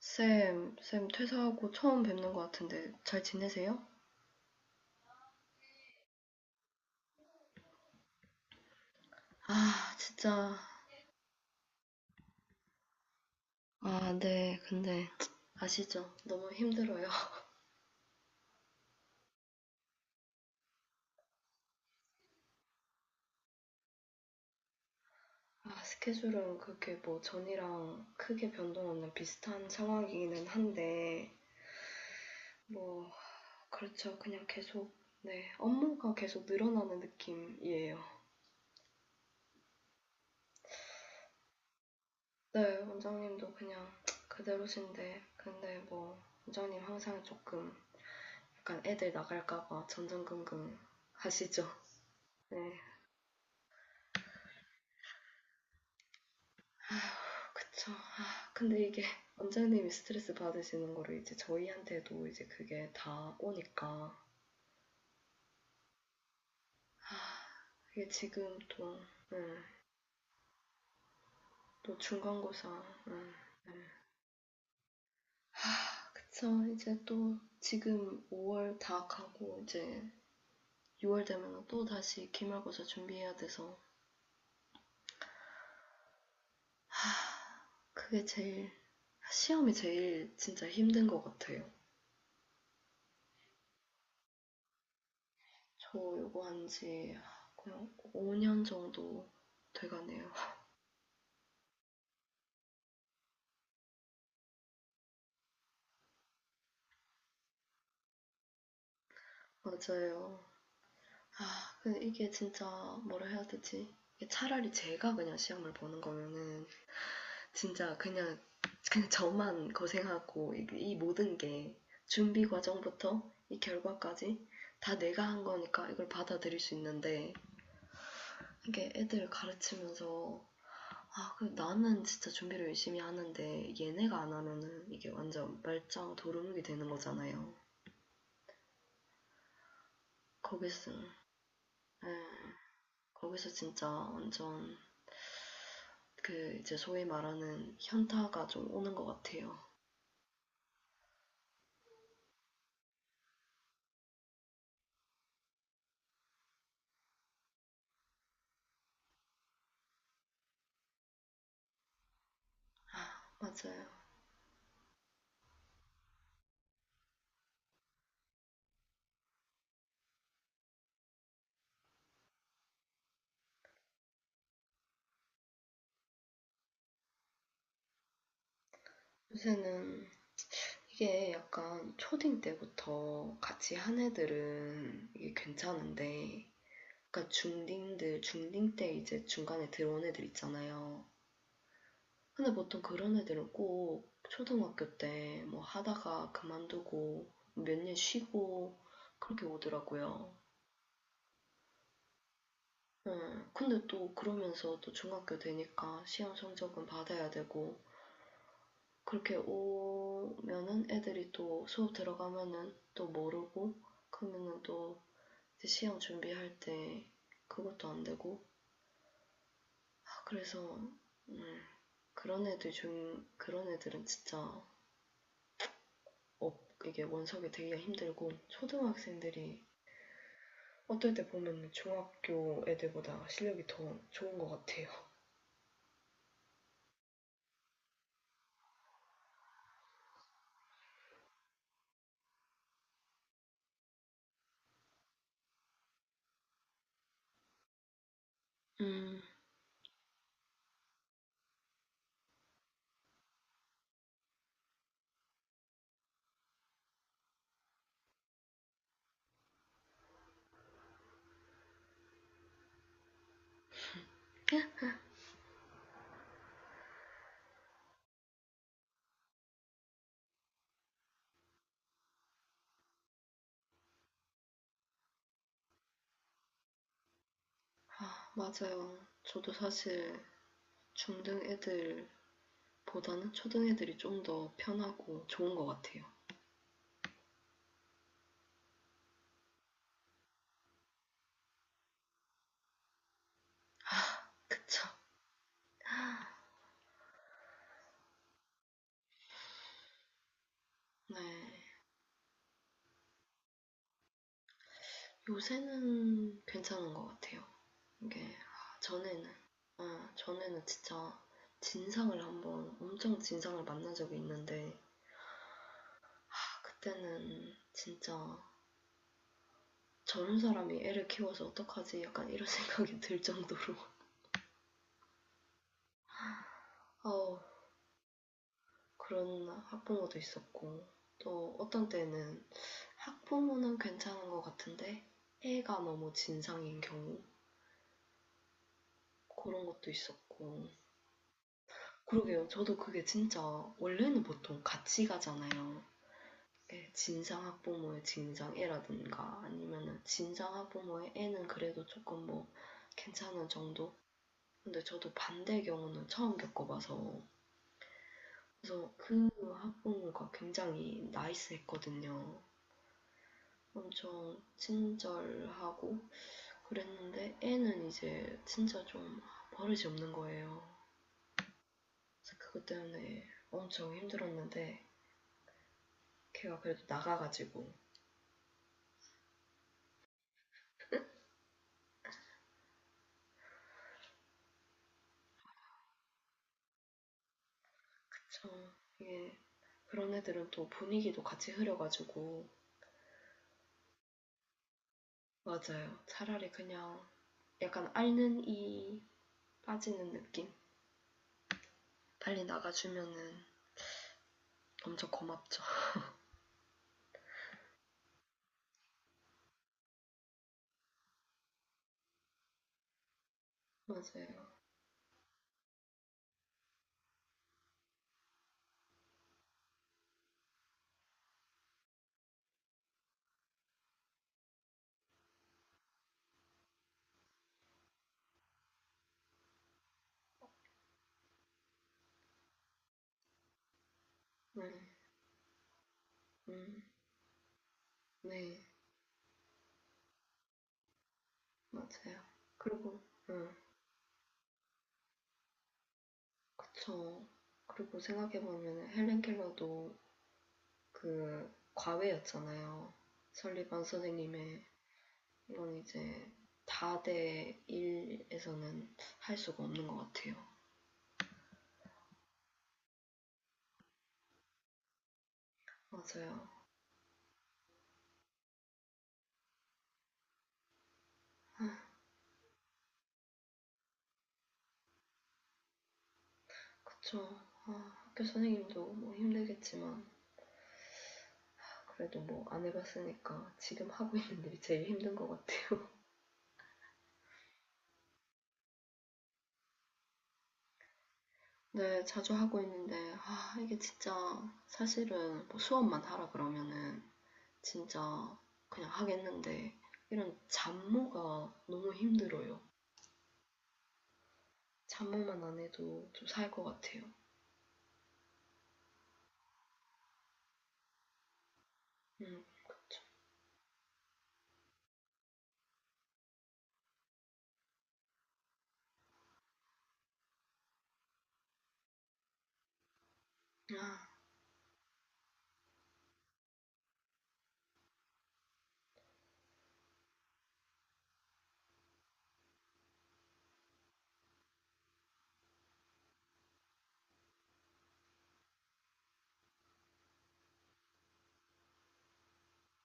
쌤, 쌤 퇴사하고 처음 뵙는 것 같은데 잘 지내세요? 아, 진짜. 아, 네. 근데 아시죠? 너무 힘들어요. 아, 스케줄은 그렇게 뭐 전이랑 크게 변동 없는 비슷한 상황이기는 한데 뭐 그렇죠. 그냥 계속 네, 업무가 계속 늘어나는 느낌이에요. 네, 원장님도 그냥 그대로신데 근데 뭐 원장님 항상 조금 약간 애들 나갈까 봐 전전긍긍 하시죠. 네. 그쵸. 아, 근데 이게 원장님이 스트레스 받으시는 거를 이제 저희한테도 이제 그게 다 오니까 이게 지금 또, 음, 또 중간고사, 음, 음. 그쵸. 이제 또 지금 5월 다 가고 이제 6월 되면 또 다시 기말고사 준비해야 돼서 그게 제일 시험이 제일 진짜 힘든 것 같아요. 저 요거 한지 그냥 5년 정도 돼가네요. 맞아요. 아, 근데 이게 진짜 뭐라 해야 되지? 이게 차라리 제가 그냥 시험을 보는 거면은 진짜 그냥 그냥 저만 고생하고 이 모든 게 준비 과정부터 이 결과까지 다 내가 한 거니까 이걸 받아들일 수 있는데 이게 애들 가르치면서 아, 그 나는 진짜 준비를 열심히 하는데 얘네가 안 하면은 이게 완전 말짱 도루묵이 되는 거잖아요. 거기서 예, 거기서 진짜 완전 그 이제 소위 말하는 현타가 좀 오는 것 같아요. 아, 맞아요. 요새는 이게 약간 초딩 때부터 같이 한 애들은 이게 괜찮은데, 그러니까 중딩들, 중딩 때 이제 중간에 들어온 애들 있잖아요. 근데 보통 그런 애들은 꼭 초등학교 때 뭐 하다가 그만두고 몇 년 쉬고 그렇게 오더라고요. 응. 근데 또 그러면서 또 중학교 되니까 시험 성적은 받아야 되고 그렇게 오면은 애들이 또 수업 들어가면은 또 모르고 그러면은 또 이제 시험 준비할 때 그것도 안 되고 아, 그래서 음, 그런 애들은 진짜 업 이게 원석이 되기가 힘들고 초등학생들이 어떨 때 보면 중학교 애들보다 실력이 더 좋은 것 같아요. 음, 아, 맞아요. 저도 사실 중등 애들보다는 초등 애들이 좀 더 편하고 좋은 것 같아요. 그쵸. 네. 요새는 괜찮은 것 같아요. 이게 아, 전에는 아, 전에는 진짜 진상을 한번 엄청 진상을 만난 적이 있는데 아, 그때는 진짜 저런 사람이 애를 키워서 어떡하지 약간 이런 생각이 들 정도로 아우 그런 학부모도 있었고 또 어떤 때는 학부모는 괜찮은 것 같은데 애가 너무 진상인 경우 그런 것도 있었고 그러게요. 저도 그게 진짜 원래는 보통 같이 가잖아요. 예, 진상 학부모의 진상 애라든가 아니면은 진상 학부모의 애는 그래도 조금 뭐 괜찮은 정도? 근데 저도 반대의 경우는 처음 겪어봐서 그래서 그 학부모가 굉장히 나이스했거든요. 엄청 친절하고 그랬는데 애는 이제 진짜 좀 버릇이 없는 거예요. 그래서 그것 때문에 엄청 힘들었는데 걔가 그래도 나가가지고 그쵸. 이게 그런 애들은 또 분위기도 같이 흐려가지고 맞아요. 차라리 그냥 약간 앓는 이 빠지는 느낌? 빨리 나가주면은 엄청 고맙죠. 맞아요. 네, 음, 네, 맞아요. 그리고, 음, 그쵸. 그리고 생각해보면 헬렌 켈러도 그 과외였잖아요. 설리반 선생님의 이건 이제 다대 일에서는 할 수가 없는 것 같아요. 맞아요. 그쵸. 아, 학교 선생님도 뭐 힘들겠지만 그래도 뭐 안 해봤으니까 지금 하고 있는 일이 제일 힘든 것 같아요. 네, 자주 하고 있는데 아, 이게 진짜 사실은 뭐 수업만 하라 그러면은 진짜 그냥 하겠는데 이런 잡무가 너무 힘들어요. 잡무만 안 해도 좀 살 것 같아요. 음,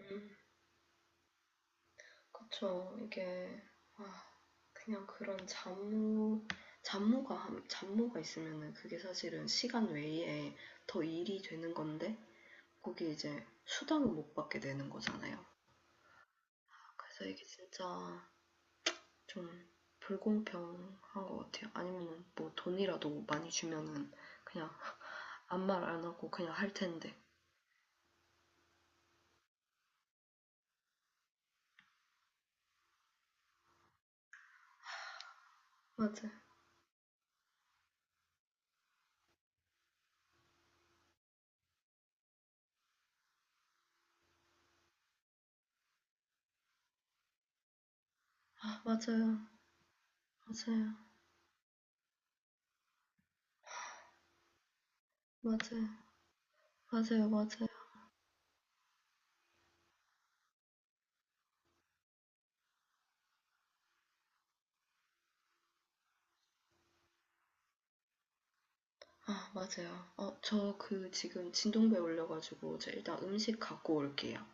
음, 그쵸. 이게 아, 그냥 그런 잡무, 잡무가, 잡무가 있으면은 그게 사실은 시간 외에 더 일이 되는 건데, 거기 이제 수당을 못 받게 되는 거잖아요. 그래서 이게 진짜 좀 불공평한 것 같아요. 아니면 뭐 돈이라도 많이 주면은 그냥 아무 말 안 하고 그냥 할 텐데. 맞아요. 아, 맞아요. 맞아요. 맞아요. 맞아요. 아, 맞아요. 어, 저 그 지금 진동배 올려가지고 제가 일단 음식 갖고 올게요.